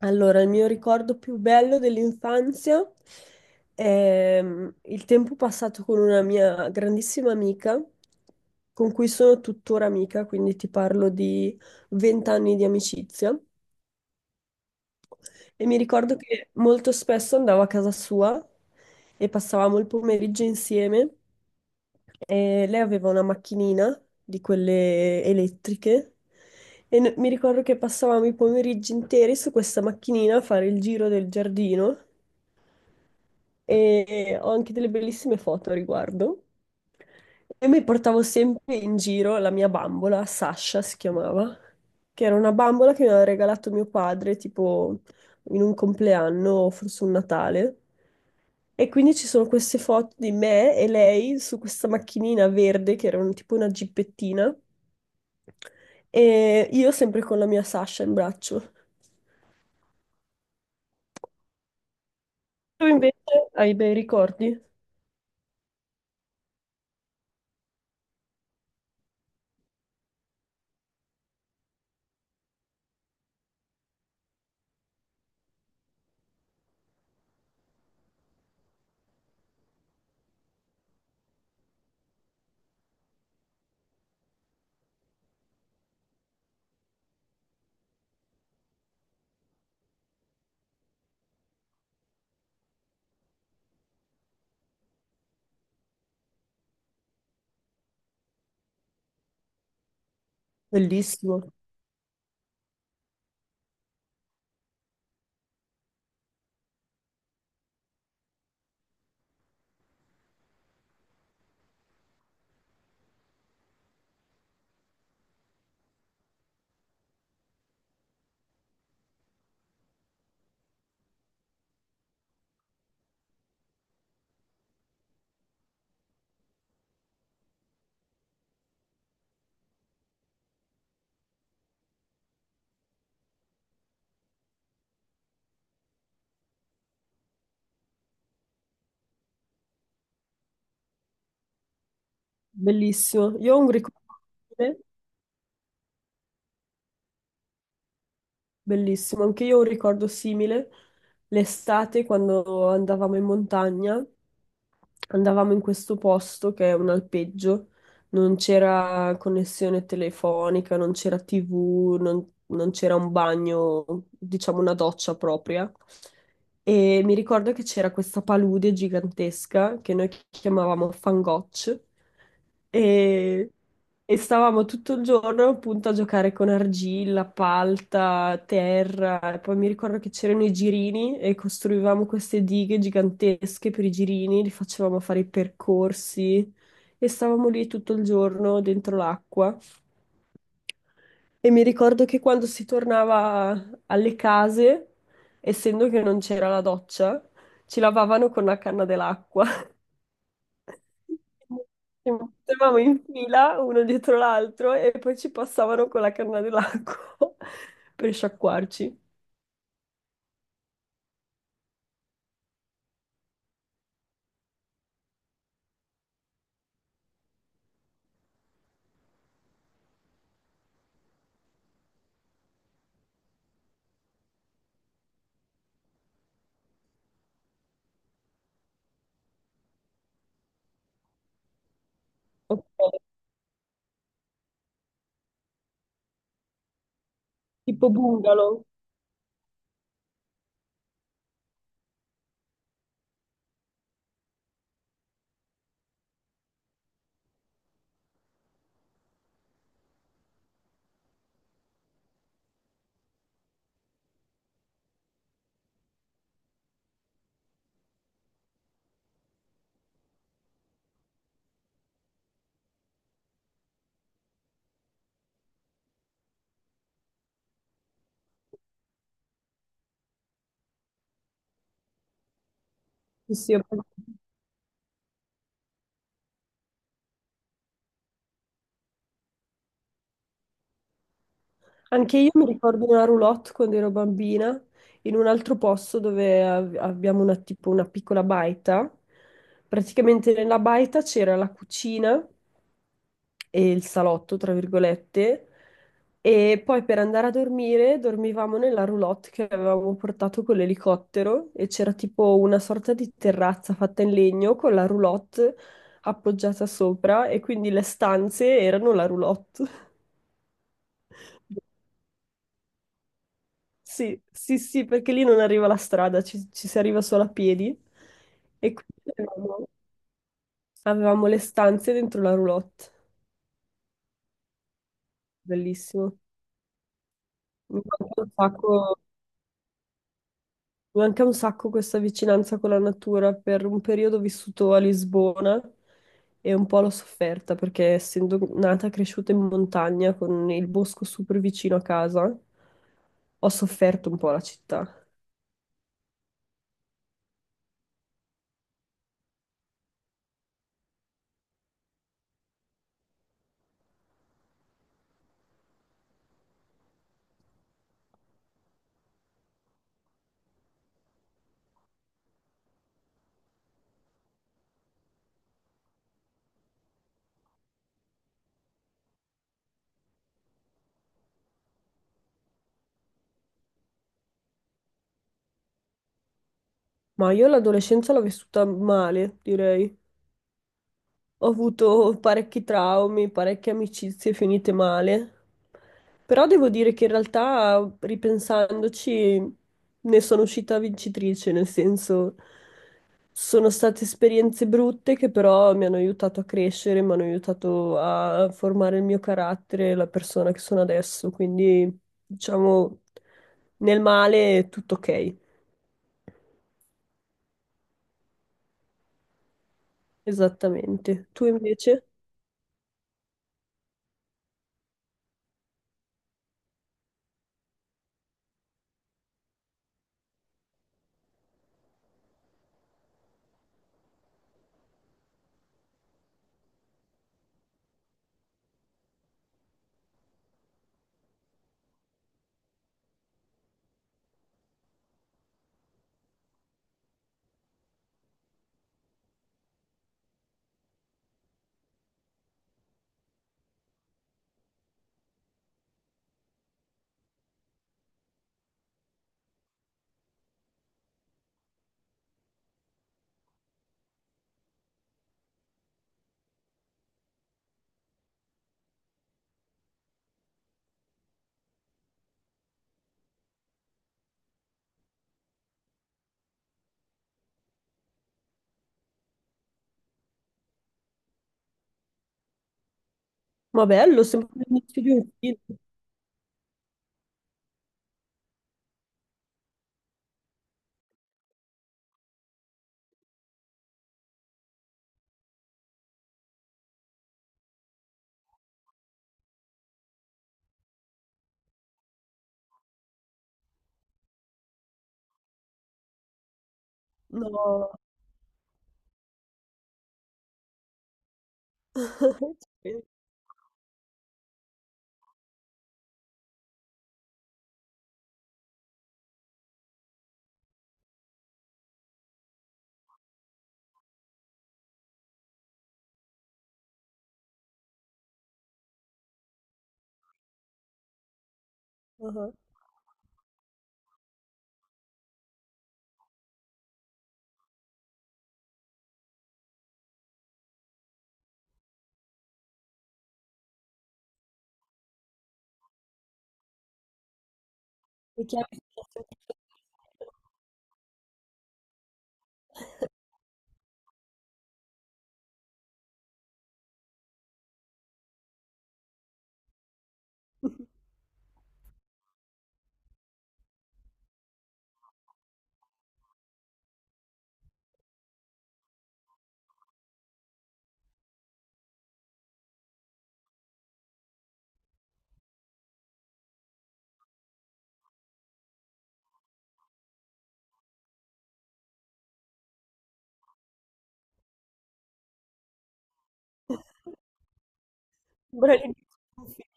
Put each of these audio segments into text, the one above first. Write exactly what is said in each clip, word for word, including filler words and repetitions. Allora, il mio ricordo più bello dell'infanzia è mm, il tempo passato con una mia grandissima amica, con cui sono tuttora amica, quindi ti parlo di venti anni di amicizia. E mi ricordo che molto spesso andavo a casa sua e passavamo il pomeriggio insieme. E lei aveva una macchinina di quelle elettriche e n- mi ricordo che passavamo i pomeriggi interi su questa macchinina a fare il giro del giardino e ho anche delle bellissime foto a riguardo. E mi portavo sempre in giro la mia bambola, Sasha si chiamava, che era una bambola che mi aveva regalato mio padre tipo in un compleanno o forse un Natale. E quindi ci sono queste foto di me e lei su questa macchinina verde che era un- tipo una gippettina e io sempre con la mia Sasha in braccio. Tu invece hai bei ricordi? Bellissimo. Bellissimo. Io ho un ricordo simile, bellissimo, anche io ho un ricordo simile. L'estate, quando andavamo in montagna, andavamo in questo posto che è un alpeggio, non c'era connessione telefonica, non c'era T V, non, non c'era un bagno, diciamo una doccia propria. E mi ricordo che c'era questa palude gigantesca che noi chiamavamo Fangoccio. E E stavamo tutto il giorno appunto a giocare con argilla, palta, terra, e poi mi ricordo che c'erano i girini e costruivamo queste dighe gigantesche per i girini, li facevamo fare i percorsi e stavamo lì tutto il giorno dentro l'acqua. E mi ricordo che quando si tornava alle case, essendo che non c'era la doccia, ci lavavano con la canna dell'acqua. Ci mettevamo in fila uno dietro l'altro e poi ci passavano con la canna dell'acqua per sciacquarci. Ok. Tipo bungalow. Sì, sì, ho presente. Anche io mi ricordo una roulotte quando ero bambina in un altro posto dove av- abbiamo una, tipo una piccola baita. Praticamente nella baita c'era la cucina e il salotto, tra virgolette. E poi per andare a dormire dormivamo nella roulotte che avevamo portato con l'elicottero e c'era tipo una sorta di terrazza fatta in legno con la roulotte appoggiata sopra e quindi le stanze erano la roulotte. Sì, sì, sì, perché lì non arriva la strada, ci, ci si arriva solo a piedi e quindi avevamo, avevamo le stanze dentro la roulotte. Bellissimo. Mi manca un sacco Mi manca un sacco questa vicinanza con la natura. Per un periodo ho vissuto a Lisbona e un po' l'ho sofferta perché essendo nata e cresciuta in montagna con il bosco super vicino a casa, ho sofferto un po' la città. Ma io l'adolescenza l'ho vissuta male, direi. Ho avuto parecchi traumi, parecchie amicizie finite male, però devo dire che in realtà, ripensandoci, ne sono uscita vincitrice, nel senso sono state esperienze brutte che però mi hanno aiutato a crescere, mi hanno aiutato a formare il mio carattere, la persona che sono adesso, quindi diciamo nel male è tutto ok, esattamente. Tu invece? Ma bello, sempre l'inizio di un film. No. Sì. Ah-ah. Le chiavi. Bravissimi.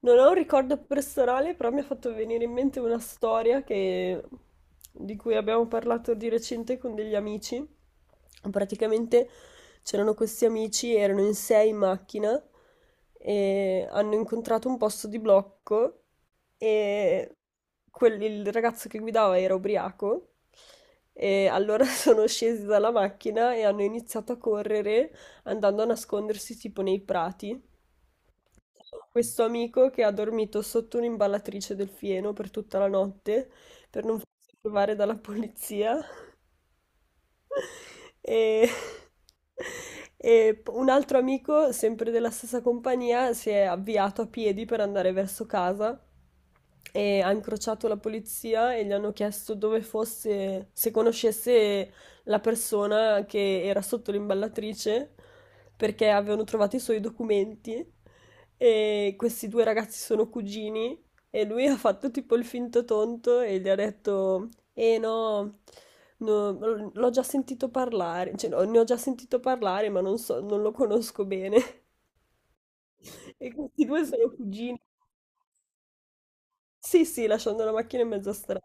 Non ho un ricordo personale, però mi ha fatto venire in mente una storia che- di cui abbiamo parlato di recente con degli amici. Praticamente c'erano questi amici, erano in sei in macchina e hanno incontrato un posto di blocco e quel- il ragazzo che guidava era ubriaco e allora sono scesi dalla macchina e hanno iniziato a correre andando a nascondersi tipo nei prati. Questo amico che ha dormito sotto un'imballatrice del fieno per tutta la notte per non farsi trovare dalla polizia e, e p- un altro amico, sempre della stessa compagnia, si è avviato a piedi per andare verso casa e ha incrociato la polizia e gli hanno chiesto dove fosse, se conoscesse la persona che era sotto l'imballatrice perché avevano trovato i suoi documenti e questi due ragazzi sono cugini e lui ha fatto tipo il finto tonto e gli ha detto eh no, no, l- l'ho già sentito parlare, cioè no, ne ho già sentito parlare, ma non so, non lo conosco bene. E questi due sono cugini. Sì, sì, lasciando la macchina in mezza strada.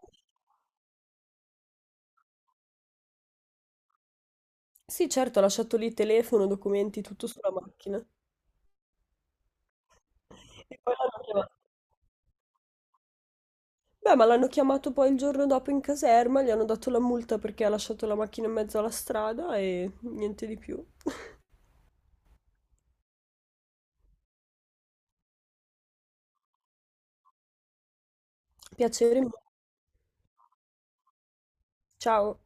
Sì, certo, ho lasciato lì telefono, documenti, tutto sulla macchina. E poi l'hanno chiamato. Beh, ma l'hanno chiamato poi il giorno dopo in caserma, gli hanno dato la multa perché ha lasciato la macchina in mezzo alla strada e niente di più. Piacere mio. Ciao.